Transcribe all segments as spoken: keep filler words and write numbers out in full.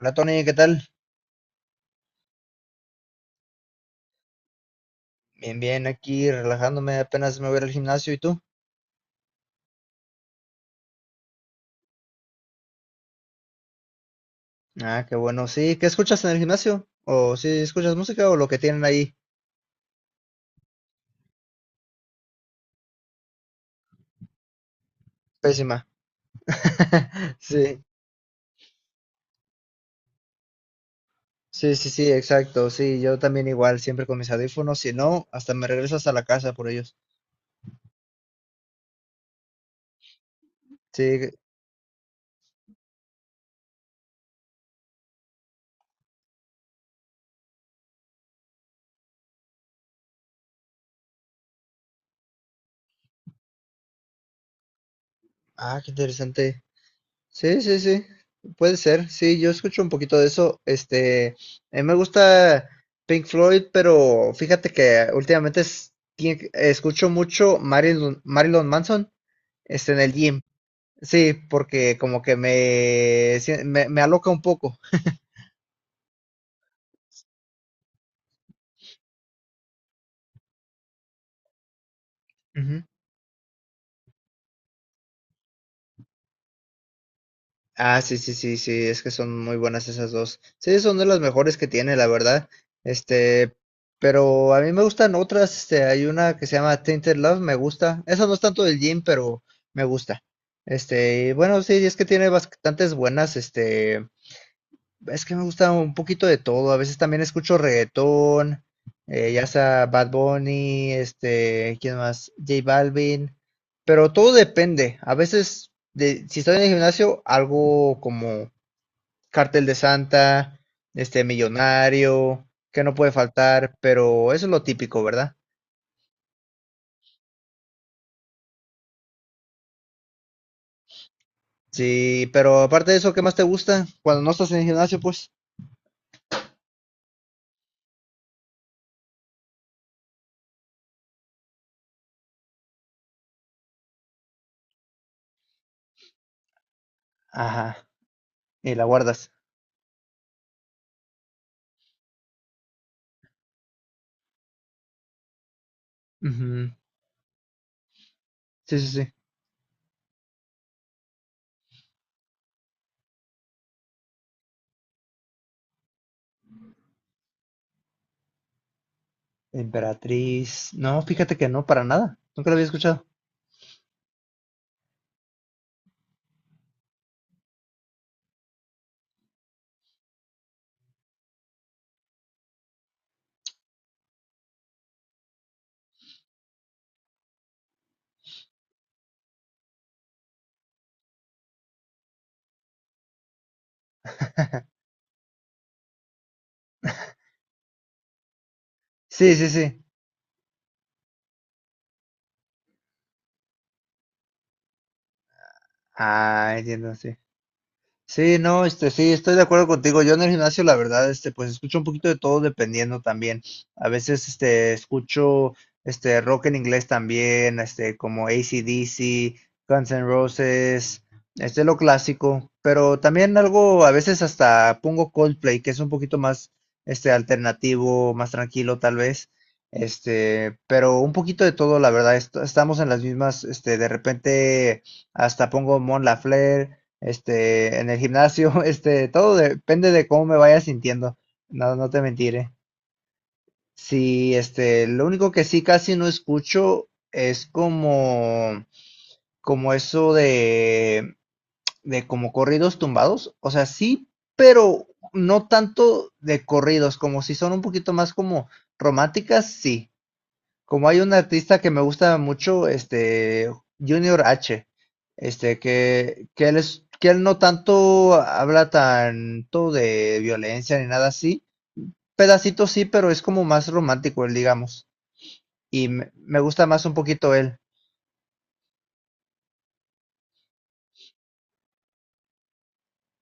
Hola Tony, ¿qué tal? Bien, bien, aquí relajándome, apenas me voy a ir al gimnasio, ¿y tú? Ah, qué bueno, sí, ¿qué escuchas en el gimnasio? ¿O si escuchas música o lo que tienen ahí? Pésima. Sí, sí, sí, sí, exacto, sí, yo también igual, siempre con mis audífonos, si no, hasta me regreso hasta la casa por ellos. Sí, ah, qué interesante. Sí, sí, sí, puede ser. Sí, yo escucho un poquito de eso. Este, a mí me gusta Pink Floyd, pero fíjate que últimamente es- tie- escucho mucho Marilyn, Marilyn Manson, este, en el gym. Sí, porque como que me, sie- me, me aloca un poco. Ah, sí, sí, sí, sí, es que son muy buenas esas dos. Sí, son de las mejores que tiene, la verdad. Este, pero a mí me gustan otras. Este, hay una que se llama Tainted Love, me gusta. Esa no es tanto del gym, pero me gusta. Este, y bueno, sí, es que tiene bastantes buenas, este, es que me gusta un poquito de todo. A veces también escucho reggaetón, eh, ya sea Bad Bunny, este, ¿quién más? J Balvin. Pero todo depende. A veces, de, si estoy en el gimnasio, algo como Cartel de Santa, este, Millonario, que no puede faltar, pero eso es lo típico, ¿verdad? Sí, pero aparte de eso, ¿qué más te gusta? Cuando no estás en el gimnasio, pues, ajá, y la guardas. Ujú, sí, sí, sí. Emperatriz. No, fíjate que no, para nada. Nunca lo había escuchado. Sí, sí, sí. Ah, entiendo, sí. Sí, no, este, sí, estoy de acuerdo contigo. Yo en el gimnasio, la verdad, este, pues escucho un poquito de todo dependiendo también. A veces, este, escucho, este, rock en inglés también, este, como A C/D C, Guns N' Roses, este, lo clásico. Pero también algo, a veces hasta pongo Coldplay, que es un poquito más, este, alternativo, más tranquilo tal vez. Este, pero un poquito de todo, la verdad, est- estamos en las mismas, este, de repente hasta pongo Mon Laferte este, en el gimnasio, este, todo depende de cómo me vaya sintiendo. No, no te mentiré. Sí, este, lo único que sí casi no escucho es como, como eso de, de como corridos tumbados. O sea, sí, pero no tanto de corridos, como si son un poquito más como románticas, sí. Como hay un artista que me gusta mucho, este, Junior H, este, que, que él es, que él no tanto habla tanto de violencia ni nada así. Pedacitos sí, pero es como más romántico él, digamos. Y me, me gusta más un poquito él.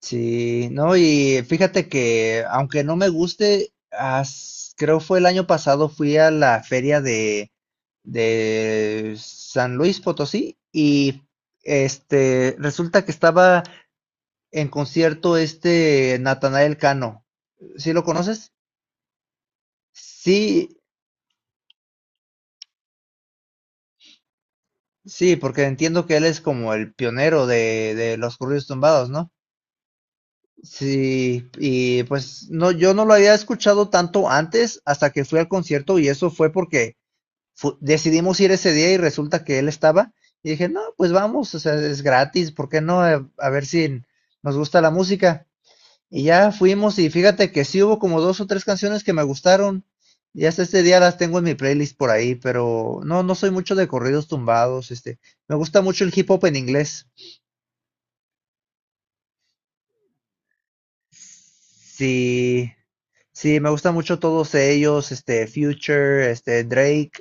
Sí, no, y fíjate que aunque no me guste, as- creo fue el año pasado fui a la feria de, de San Luis Potosí y este resulta que estaba en concierto este Natanael Cano. ¿Sí lo conoces? Sí, sí, porque entiendo que él es como el pionero de, de los corridos tumbados, ¿no? Sí, y pues no, yo no lo había escuchado tanto antes hasta que fui al concierto y eso fue porque fu- decidimos ir ese día y resulta que él estaba y dije, no, pues vamos, o sea, es gratis, ¿por qué no? Eh, A ver si nos gusta la música. Y ya fuimos y fíjate que sí hubo como dos o tres canciones que me gustaron. Y hasta este día las tengo en mi playlist por ahí, pero no, no soy mucho de corridos tumbados, este, me gusta mucho el hip hop en inglés. Sí, sí, me gusta mucho todos ellos, este, Future, este, Drake,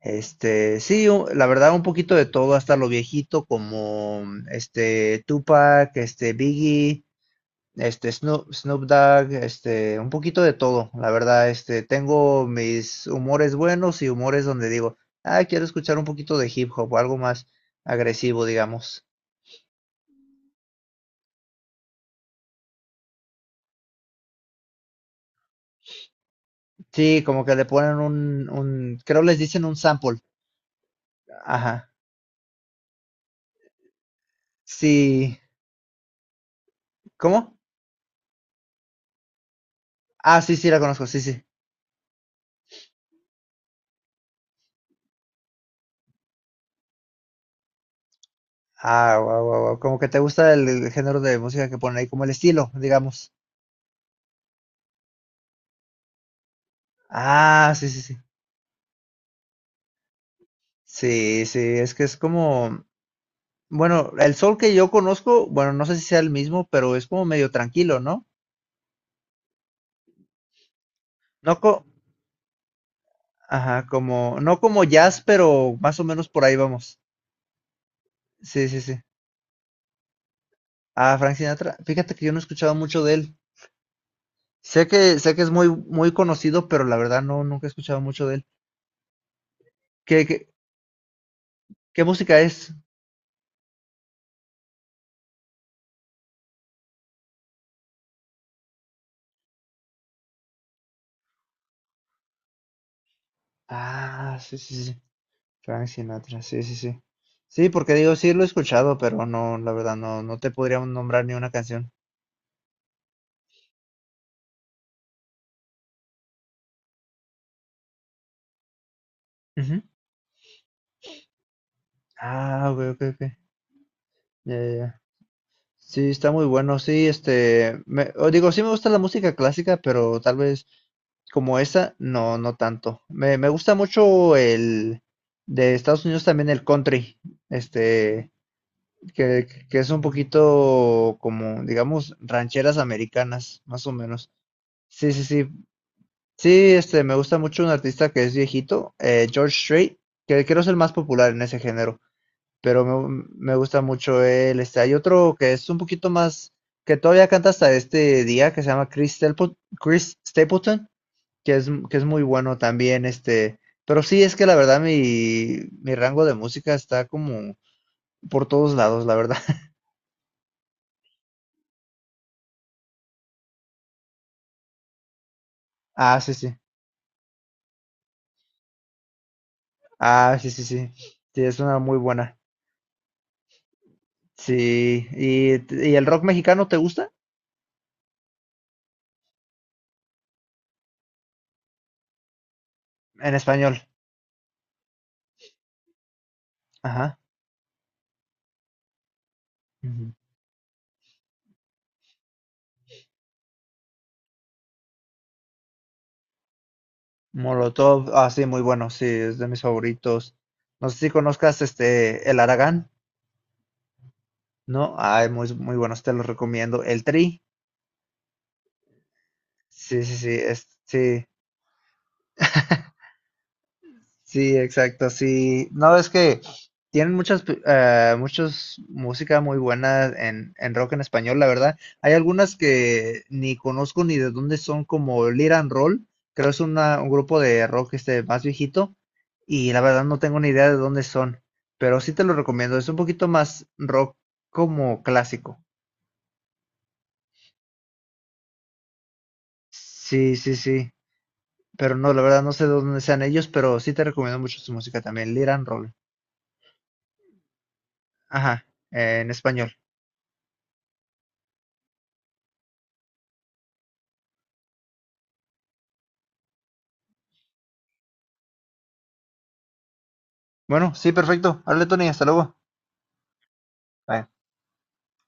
este, sí, u- la verdad un poquito de todo, hasta lo viejito como, este, Tupac, este, Biggie, Este, Snoop, Snoop Dogg, este, un poquito de todo, la verdad, este, tengo mis humores buenos y humores donde digo, ah, quiero escuchar un poquito de hip hop o algo más agresivo, digamos. Sí, como que le ponen un, un, creo les dicen un sample. Ajá. Sí, ¿cómo? Ah, sí, sí, la conozco, sí, sí. Ah, guau guau wow. Como que te gusta el, el género de música que ponen ahí, como el estilo, digamos. Ah, sí, sí, sí. Sí, sí, es que es como, bueno, el Soul que yo conozco, bueno, no sé si sea el mismo, pero es como medio tranquilo, ¿no? No co Ajá, como, no como jazz, pero más o menos por ahí vamos. Sí, sí, sí. Ah, Frank Sinatra, fíjate que yo no he escuchado mucho de él. Sé que, sé que es muy, muy conocido, pero la verdad no, nunca he escuchado mucho de él. ¿Qué, qué, qué música es? Ah, sí, sí, sí. Sí. Frank Sinatra, sí, sí, sí. Sí, porque digo, sí lo he escuchado, pero no, la verdad, no, no te podría nombrar ni una canción. Ujú. Ah, ok, ok, ok. Ya, ya, ya. Sí, está muy bueno. Sí, este, me, o digo, sí me gusta la música clásica, pero tal vez como esa, no, no tanto. Me, me gusta mucho el de Estados Unidos también el country, este, que, que es un poquito como, digamos, rancheras americanas, más o menos. Sí, sí, sí. Sí, este, me gusta mucho un artista que es viejito, eh, George Strait, que creo es el más popular en ese género, pero me, me gusta mucho él. Este, hay otro que es un poquito más, que todavía canta hasta este día, que se llama Chris, Stelpo- Chris Stapleton, que es, que es muy bueno también, este, pero sí, es que la verdad mi, mi rango de música está como por todos lados, la verdad. Ah, sí, sí. Ah, sí, sí, sí. Sí, es una muy buena. Sí. ¿Y, y el rock mexicano te gusta? En español. Ajá. Molotov, ah, sí, muy bueno, sí, es de mis favoritos. No sé si conozcas este El Aragán, ¿no? Ay, muy, muy buenos, te los recomiendo. El Tri, sí, sí, sí, es, sí, sí, exacto, sí. No, es que tienen muchas, eh, muchas música muy buena en, en rock en español, la verdad. Hay algunas que ni conozco ni de dónde son, como Lead and Roll, creo es una, un grupo de rock este más viejito, y la verdad no tengo ni idea de dónde son, pero sí te lo recomiendo, es un poquito más rock como clásico. Sí, sí, sí, pero no, la verdad no sé de dónde sean ellos, pero sí te recomiendo mucho su música también, Lead and Roll. Ajá, eh, en español. Bueno, sí, perfecto. Hable, Tony. Hasta luego. Bye.